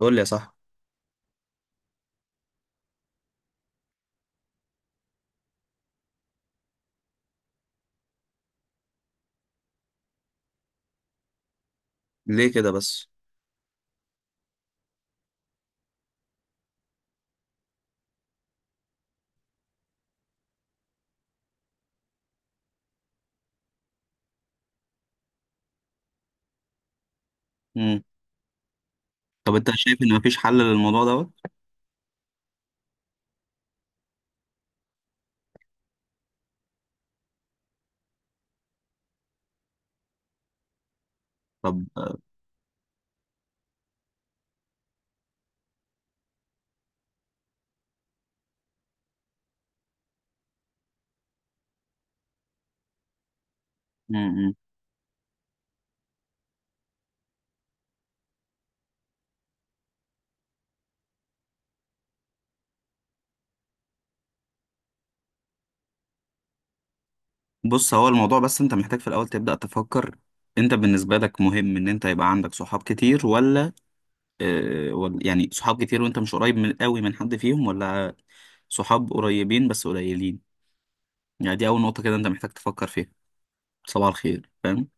قول لي يا صاحبي. ليه كده بس؟ امم طب انت شايف ان مفيش حل للموضوع دوت؟ طب امم بص، هو الموضوع بس انت محتاج في الاول تبدأ تفكر. انت بالنسبة لك مهم ان انت يبقى عندك صحاب كتير، ولا اه، يعني صحاب كتير وانت مش قريب من قوي من حد فيهم، ولا صحاب قريبين بس قليلين؟ يعني دي اول نقطة كده انت محتاج تفكر فيها. صباح الخير فاهم.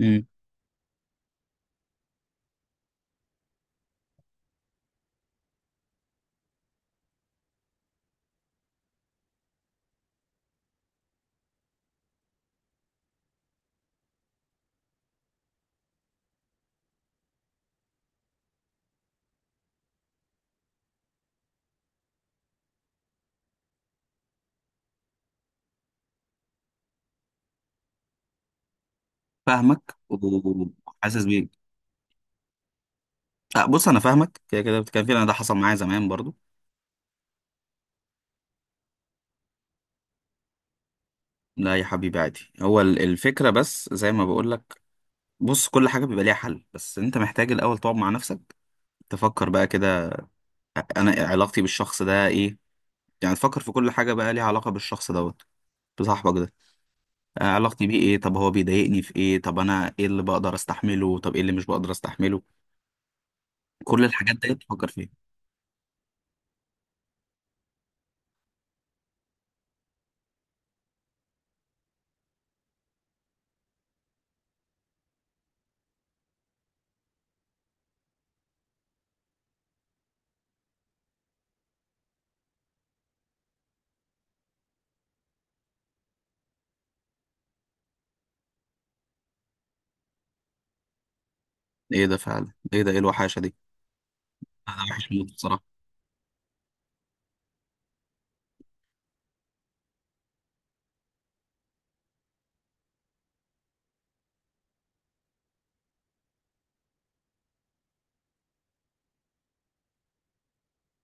امم فاهمك وحاسس بيك. اه، بص، انا فاهمك، كده كده بتتكلم فيه. انا ده حصل معايا زمان برضو. لا يا حبيبي، عادي. هو الفكرة بس زي ما بقولك. بص، كل حاجة بيبقى ليها حل، بس انت محتاج الأول تقعد مع نفسك، تفكر بقى كده. أنا علاقتي بالشخص ده إيه؟ يعني تفكر في كل حاجة بقى ليها علاقة بالشخص دوت، بصاحبك ده. علاقتي بيه إيه؟ طب هو بيضايقني في إيه؟ طب أنا إيه اللي بقدر أستحمله؟ طب إيه اللي مش بقدر أستحمله؟ كل الحاجات دي تفكر فيها. إيه ده فعلا؟ إيه ده؟ إيه الوحاشة دي؟ أنا وحش موت بصراحة.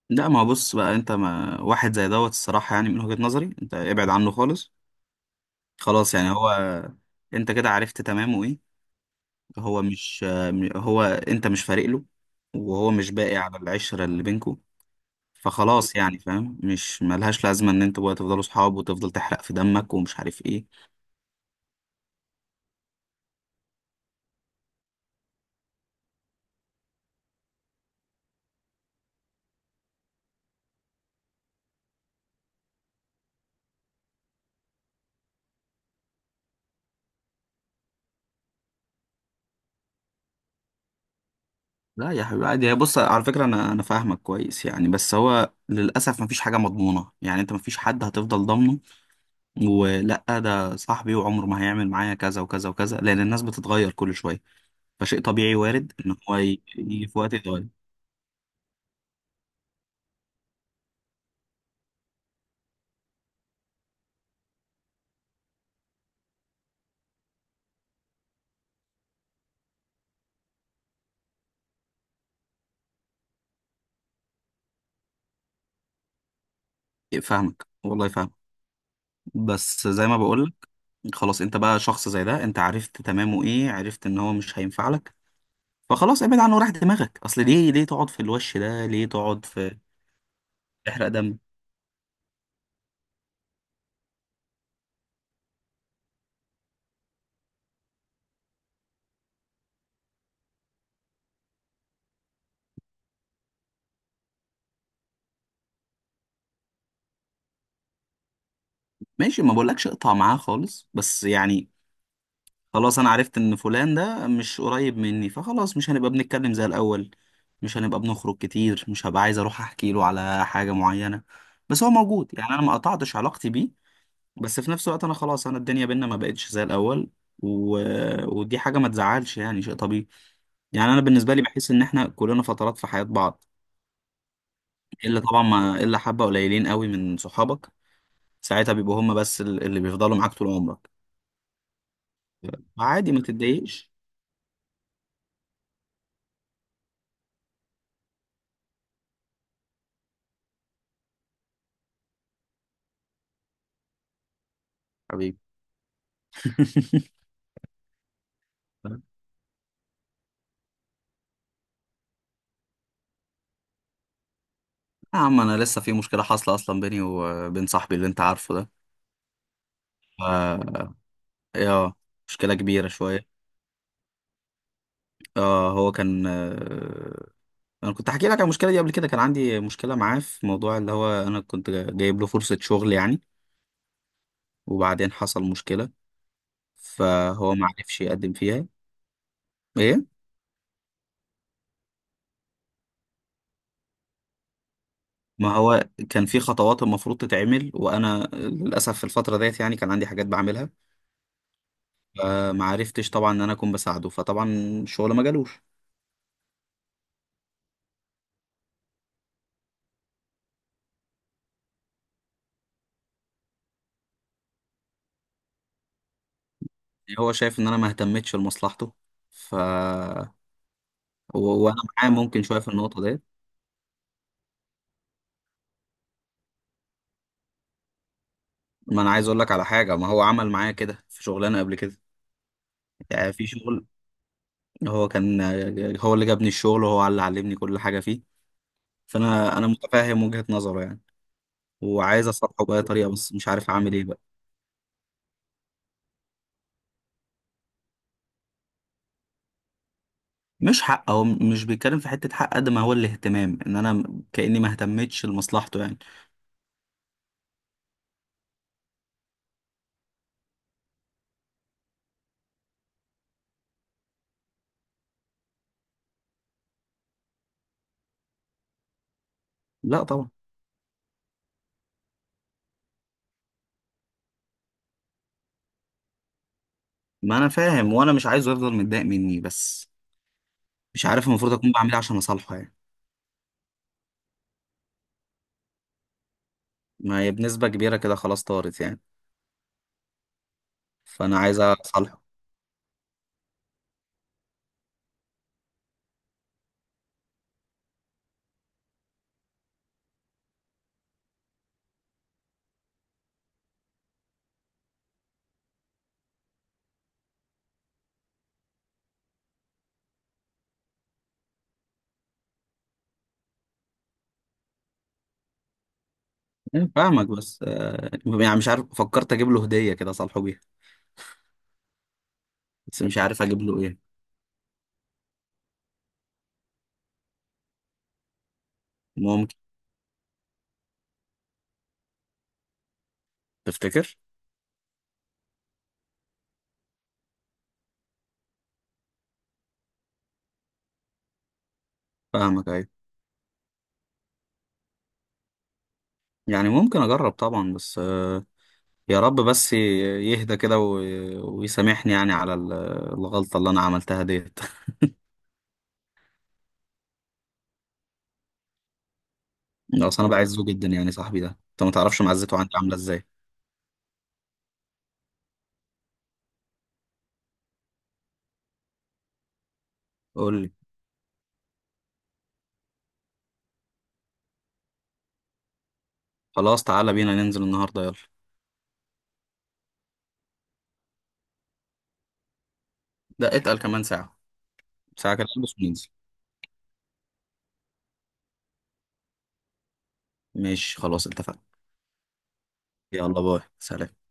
لا، ما هو بص بقى، أنت ما واحد زي دوت، الصراحة يعني من وجهة نظري أنت ابعد عنه خالص. خلاص يعني هو، انت كده عرفت تمامه ايه. هو مش هو انت مش فارق له، وهو مش باقي على العشرة اللي بينكوا. فخلاص يعني فاهم، مش ملهاش لازمة ان انتوا بقى تفضلوا صحاب وتفضل تحرق في دمك ومش عارف ايه. لا يا حبيبي، عادي. هي، بص، على فكرة، انا فاهمك كويس يعني، بس هو للأسف مفيش حاجة مضمونة يعني. انت مفيش حد هتفضل ضامنه، ولا ده صاحبي وعمره ما هيعمل معايا كذا وكذا وكذا، لأن الناس بتتغير كل شوية. فشيء طبيعي، وارد ان هو يجي في وقت يتغير. فاهمك والله، فاهمك. بس زي ما بقولك، خلاص، انت بقى شخص زي ده، انت عرفت تمامه ايه، عرفت ان هو مش هينفع لك. فخلاص ابعد عنه وراح دماغك. اصل ليه تقعد في الوش ده؟ ليه تقعد في تحرق دم؟ ماشي، ما بقولكش اقطع معاه خالص، بس يعني خلاص انا عرفت ان فلان ده مش قريب مني، فخلاص مش هنبقى بنتكلم زي الاول، مش هنبقى بنخرج كتير، مش هبقى عايز اروح احكي له على حاجة معينة، بس هو موجود. يعني انا ما قطعتش علاقتي بيه، بس في نفس الوقت انا خلاص، انا الدنيا بينا ما بقتش زي الاول. و... ودي حاجه ما تزعلش، يعني شيء طبيعي. يعني انا بالنسبه لي بحس ان احنا كلنا فترات في حياه بعض. الا طبعا، ما الا حبه قليلين قوي من صحابك، ساعتها بيبقوا هم بس اللي بيفضلوا معاك طول عمرك. عادي، ما تتضايقش. حبيبي. يا عم، انا لسه في مشكله حاصله اصلا بيني وبين صاحبي اللي انت عارفه ده. ف... يا مشكله كبيره شويه. اه، هو كان انا كنت حكي لك على المشكله دي قبل كده. كان عندي مشكله معاه في موضوع اللي هو انا كنت جايب له فرصه شغل يعني، وبعدين حصل مشكله فهو ما عرفش يقدم فيها. ايه، ما هو كان في خطوات المفروض تتعمل، وانا للاسف في الفتره ديت يعني كان عندي حاجات بعملها، فما عرفتش طبعا ان انا اكون بساعده. فطبعا الشغل ما جالوش. هو شايف ان انا ما اهتمتش لمصلحته. ف وانا معاه ممكن شويه في النقطه ديت. ما انا عايز اقول لك على حاجه، ما هو عمل معايا كده في شغلانه قبل كده. يعني في شغل، هو كان هو اللي جابني الشغل، وهو اللي علمني كل حاجة فيه. فأنا أنا متفاهم وجهة نظره يعني، وعايز أصلحه بأي طريقة، بس مش عارف أعمل إيه بقى. مش حق، هو مش بيتكلم في حتة حق قد ما هو الاهتمام، إن أنا كأني ما اهتمتش لمصلحته يعني. لا طبعا، ما أنا فاهم، وأنا مش عايزه يفضل متضايق مني، بس مش عارف المفروض أكون بعمل إيه عشان أصالحه يعني. ما هي بنسبة كبيرة كده خلاص طارت يعني، فأنا عايز أصالحه. يعني فاهمك، بس يعني مش عارف. فكرت أجيب له هدية كده أصالحه بيها، بس مش عارف أجيب له إيه، تفتكر؟ فاهمك، ايوه. يعني ممكن اجرب طبعا، بس يا رب بس يهدى كده ويسامحني يعني على الغلطة اللي انا عملتها ديت. اصل انا بعزه جدا يعني، صاحبي ده انت ما تعرفش معزته عندي عاملة ازاي. قول لي. خلاص، تعالى بينا ننزل النهاردة يلا. ده اتقل كمان ساعة. ساعة كده نلبس وننزل. ماشي، خلاص اتفقنا. يلا، باي، سلام.